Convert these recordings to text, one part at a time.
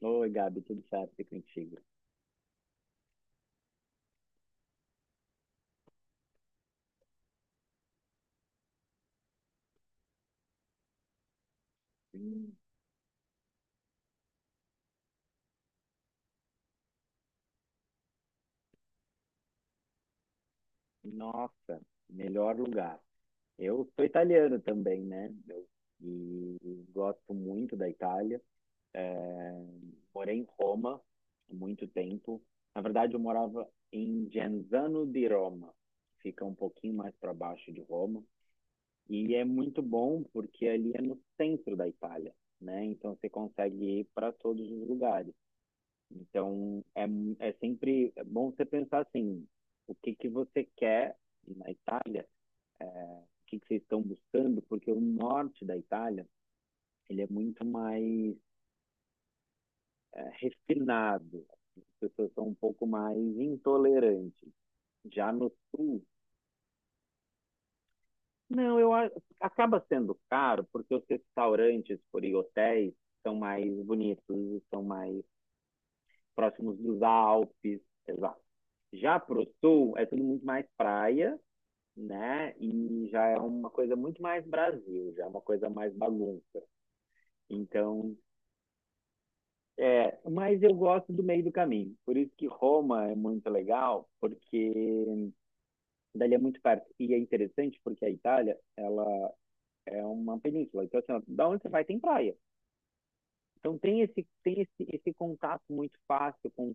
Oi, Gabi, tudo certo e contigo? Hum. Nossa, melhor lugar. Eu sou italiano também, né? Eu, e gosto muito da Itália. É, morei em Roma há muito tempo. Na verdade, eu morava em Genzano di Roma, que fica um pouquinho mais para baixo de Roma. E é muito bom porque ali é no centro da Itália, né? Então você consegue ir para todos os lugares. Então, é, é sempre bom você pensar assim, o que que você quer na Itália, é, o que que vocês estão buscando, porque o norte da Itália, ele é muito mais é, refinado, as pessoas são um pouco mais intolerantes. Já no sul, não, acaba sendo caro, porque os restaurantes por aí, hotéis são mais bonitos, são mais próximos dos Alpes, exato. Já pro sul, é tudo muito mais praia, né? E já é uma coisa muito mais Brasil, já é uma coisa mais bagunça. Então, é, mas eu gosto do meio do caminho. Por isso que Roma é muito legal, porque dali é muito perto. E é interessante porque a Itália, ela é uma península. Então, assim, ó, da onde você vai tem praia. Então tem esse esse contato muito fácil com,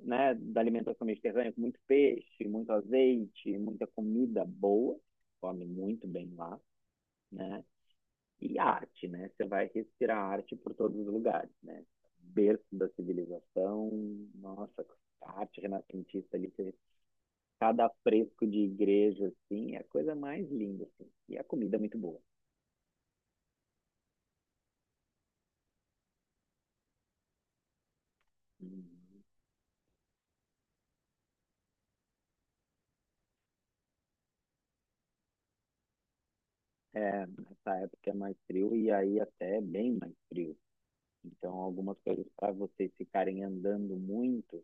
né, da alimentação mediterrânea, com muito peixe, muito azeite, muita comida boa. Come muito bem lá, né? E arte, né? Você vai respirar arte por todos os lugares, né? Berço da civilização, nossa, a arte renascentista ali, cada fresco de igreja, assim, é a coisa mais linda, assim. E a comida é muito boa. É, nessa época é mais frio e aí até é bem mais frio. Então, algumas coisas para vocês ficarem andando muito,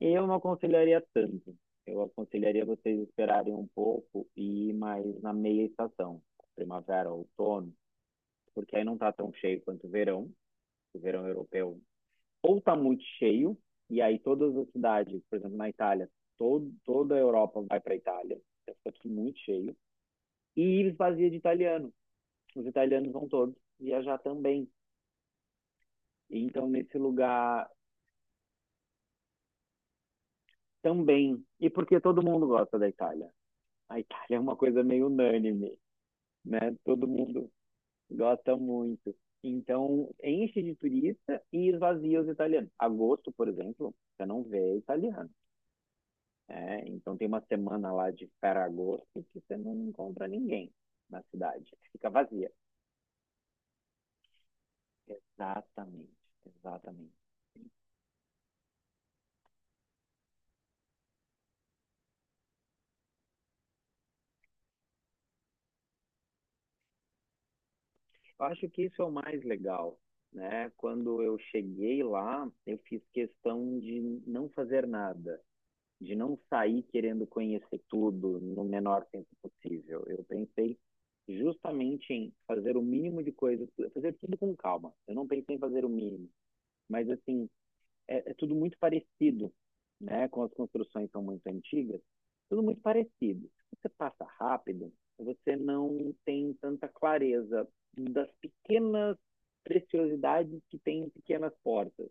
eu não aconselharia tanto. Eu aconselharia vocês esperarem um pouco e ir mais na meia estação, primavera, outono, porque aí não está tão cheio quanto o verão. O verão europeu ou está muito cheio, e aí todas as cidades, por exemplo, na Itália, toda a Europa vai para a Itália, fica aqui muito cheio, e esvazia de italiano. Os italianos vão todos viajar também. Então, nesse lugar também. E porque todo mundo gosta da Itália. A Itália é uma coisa meio unânime, né? Todo mundo gosta muito. Então, enche de turista e esvazia os italianos. Agosto, por exemplo, você não vê italiano. É, então tem uma semana lá de Ferragosto que você não encontra ninguém na cidade. Fica vazia. Exatamente, exatamente. Eu acho que isso é o mais legal, né? Quando eu cheguei lá, eu fiz questão de não fazer nada, de não sair querendo conhecer tudo no menor tempo possível. Eu pensei justamente em fazer o mínimo de coisas, fazer tudo com calma. Eu não pensei em fazer o mínimo, mas assim, é, é tudo muito parecido, né? Como as construções são muito antigas, tudo muito parecido. Se você passa rápido, você não tem tanta clareza das pequenas preciosidades que tem em pequenas portas.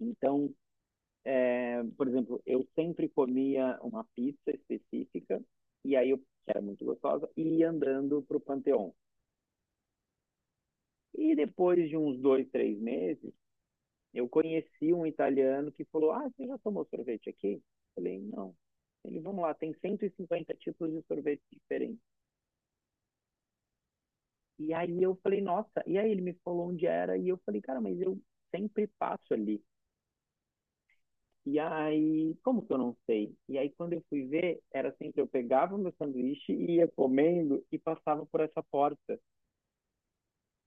Então, é, por exemplo, eu sempre comia uma pizza específica, e aí eu, que era muito gostosa, e ia andando para o Panteão. E depois de uns 2, 3 meses, eu conheci um italiano que falou: "Ah, você já tomou sorvete aqui?" Eu falei: "Não." Ele, vamos lá, tem 150 tipos de sorvete diferentes. E aí eu falei: "Nossa." E aí ele me falou onde era. E eu falei: "Cara, mas eu sempre passo ali. E aí, como que eu não sei?" E aí, quando eu fui ver, era assim que eu pegava o meu sanduíche e ia comendo e passava por essa porta.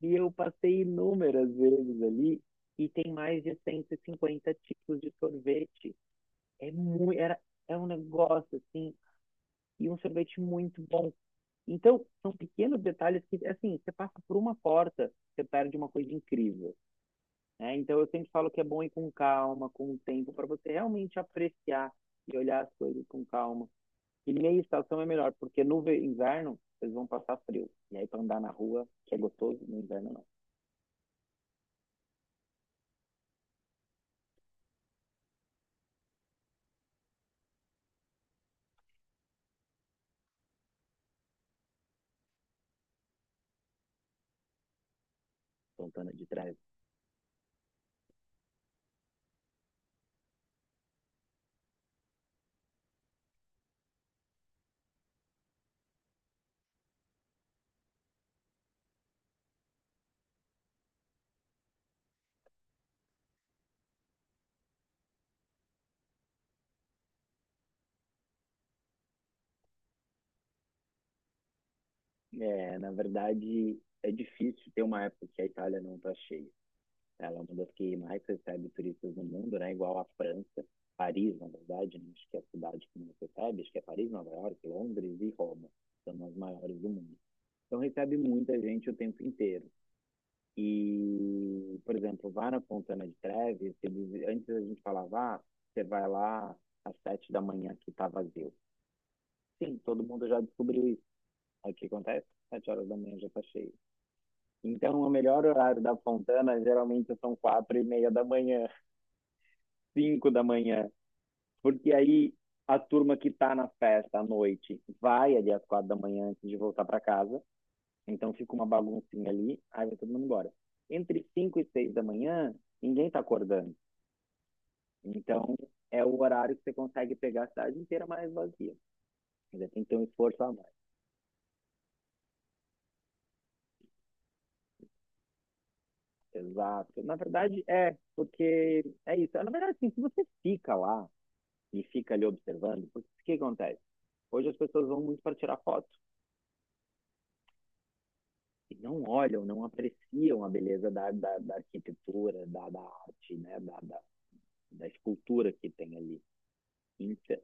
E eu passei inúmeras vezes ali e tem mais de 150 tipos de sorvete. É muito, era, é um negócio assim, e um sorvete muito bom. Então, são pequenos detalhes que, assim, você passa por uma porta, você perde uma coisa incrível, né? Então, eu sempre falo que é bom ir com calma, com o tempo, para você realmente apreciar e olhar as coisas com calma. E meia estação é melhor, porque no inverno, vocês vão passar frio. E aí, para andar na rua, que é gostoso, no inverno não. Fontana de Trevi. É, na verdade, é difícil ter uma época que a Itália não tá cheia. Ela é uma das que mais recebe turistas no mundo, né? Igual a França, Paris, na verdade, né? Acho que é a cidade que mais recebe, acho que é Paris, Nova York, Londres e Roma, são as maiores do mundo. Então recebe muita gente o tempo inteiro. E, por exemplo, vá na Fontana de Trevi, eles, antes a gente falava, ah, você vai lá às 7 da manhã que está vazio. Sim, todo mundo já descobriu isso. Aí o que acontece? 7 horas da manhã já está cheio. Então, o melhor horário da Fontana geralmente são 4:30 da manhã, 5 da manhã, porque aí a turma que tá na festa à noite vai ali às 4 da manhã antes de voltar para casa, então fica uma baguncinha ali, aí vai todo mundo embora. Entre 5 e 6 da manhã, ninguém tá acordando. Então, é o horário que você consegue pegar a cidade inteira mais vazia. Ainda tem que ter um esforço a mais. Exato. Na verdade, é, porque é isso. Na verdade, assim, se você fica lá e fica ali observando, porque o que acontece? Hoje as pessoas vão muito para tirar foto. E não olham, não apreciam a beleza da arquitetura, da arte, né? Da escultura que tem ali. Então,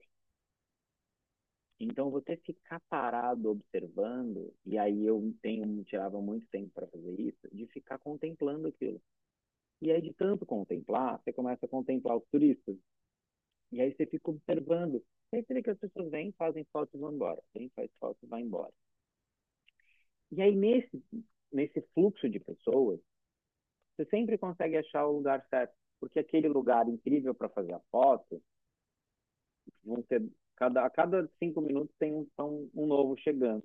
então, você ficar parado observando, e aí eu tenho, tirava muito tempo para fazer isso, de ficar contemplando aquilo. E aí, de tanto contemplar, você começa a contemplar os turistas, e aí você fica observando. E aí você vê que as pessoas vêm, fazem fotos e vão embora. Vêm faz fotos e vai embora. E aí, nesse fluxo de pessoas, você sempre consegue achar o lugar certo, porque aquele lugar incrível para fazer a foto, vão ter cada a cada 5 minutos tem um novo chegando.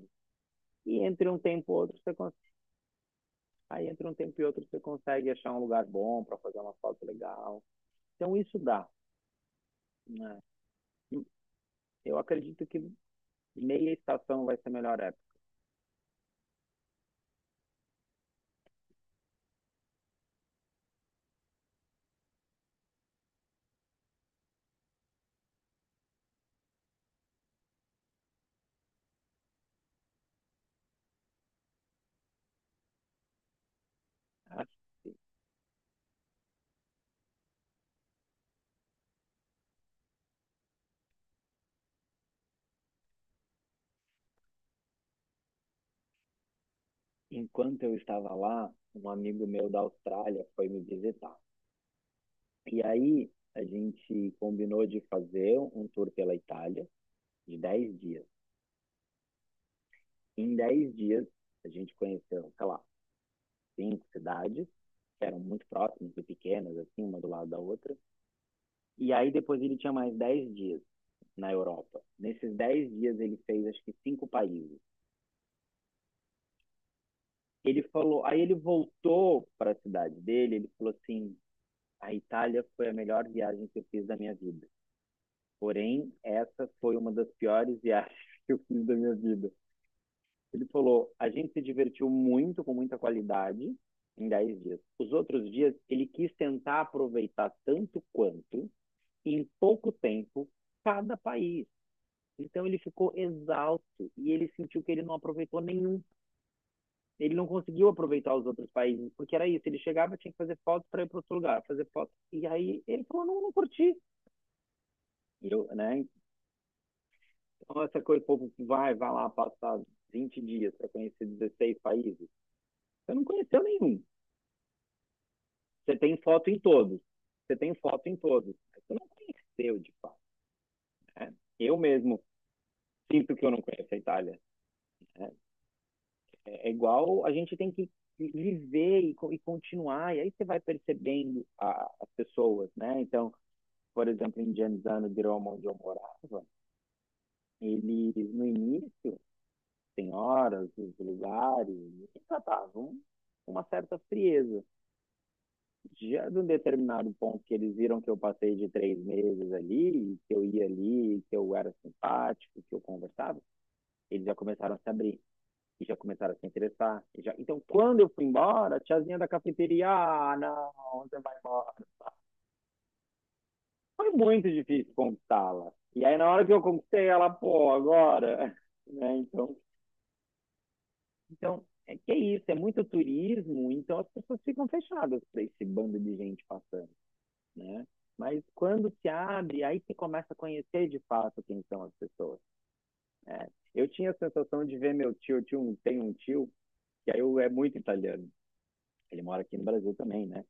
E entre um tempo e outro, você consegue, aí entre um tempo e outro você consegue achar um lugar bom para fazer uma foto legal. Então isso dá. Né? Eu acredito que meia estação vai ser a melhor época. Enquanto eu estava lá, um amigo meu da Austrália foi me visitar. E aí a gente combinou de fazer um tour pela Itália de 10 dias. Em 10 dias, a gente conheceu, sei lá, 5 cidades, que eram muito próximas e pequenas, assim, uma do lado da outra. E aí depois ele tinha mais 10 dias na Europa. Nesses 10 dias ele fez, acho que, 5 países. Ele falou, aí ele voltou para a cidade dele, ele falou assim: a Itália foi a melhor viagem que eu fiz da minha vida. Porém, essa foi uma das piores viagens que eu fiz da minha vida. Ele falou: a gente se divertiu muito, com muita qualidade, em 10 dias. Os outros dias, ele quis tentar aproveitar tanto quanto, em pouco tempo, cada país. Então, ele ficou exausto e ele sentiu que ele não aproveitou nenhum. Ele não conseguiu aproveitar os outros países, porque era isso. Ele chegava, tinha que fazer fotos para ir para outro lugar, fazer fotos. E aí, ele falou: não, não curti. E eu, né? Então, essa coisa, o povo vai, vai lá passar 20 dias para conhecer 16 países. Eu não conheceu nenhum. Você tem foto em todos. Você tem foto em todos. Mas você não conheceu, de fato. Né? Eu mesmo sinto que eu não conheço a Itália. Né? É, é igual a gente tem que viver e continuar. E aí você vai percebendo as pessoas, né? Então, por exemplo, em Genzano di Roma, onde eu morava, ele, no início, senhoras, os lugares, eles tratavam uma certa frieza. Já de um determinado ponto que eles viram que eu passei de 3 meses ali, que eu ia ali, que eu era simpático, que eu conversava, eles já começaram a se abrir e já começaram a se interessar. Então, quando eu fui embora, a tiazinha da cafeteria, ah, não, você vai embora. Foi muito difícil conquistá-la. E aí, na hora que eu conquistei ela, pô, agora, né? Então, então é que é isso, é muito turismo, então as pessoas ficam fechadas para esse bando de gente passando. Né? Mas quando se abre, aí você começa a conhecer de fato quem são as pessoas. Né? Eu tinha a sensação de ver meu tio, tem um tio, é muito italiano. Ele mora aqui no Brasil também, né?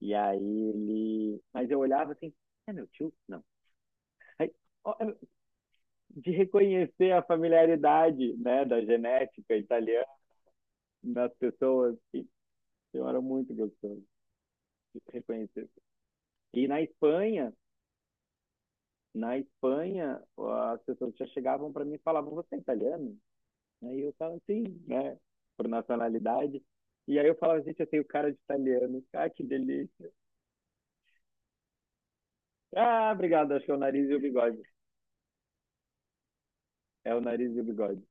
E aí ele. Mas eu olhava assim, é meu tio? Não. Aí, de reconhecer a familiaridade, né, da genética italiana nas pessoas, e eu era muito gostoso de reconhecer. E na Espanha, na Espanha, as pessoas já chegavam para mim e falavam: "Você é italiano?" Aí eu falava: "Sim", né? Por nacionalidade. E aí eu falava: "Gente, eu tenho cara de italiano. Ah, que delícia. Ah, obrigado. Acho que é o nariz e o bigode." É o nariz e o bigode.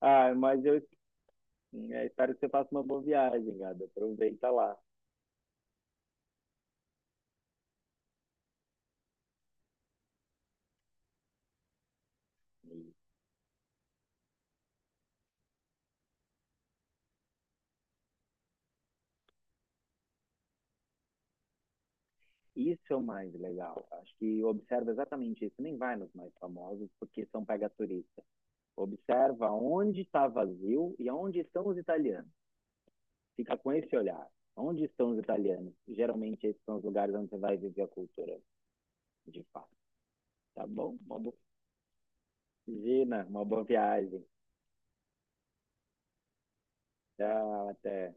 Ah, mas eu é, espero que você faça uma boa viagem, gado. Aproveita lá. Isso é o mais legal. Acho que observa exatamente isso. Nem vai nos mais famosos, porque são pega turista. Observa onde está vazio e onde estão os italianos. Fica com esse olhar. Onde estão os italianos? Geralmente esses são os lugares onde você vai viver a cultura, de fato. Tá bom? Uma boa... Gina, uma boa viagem. Tchau, até.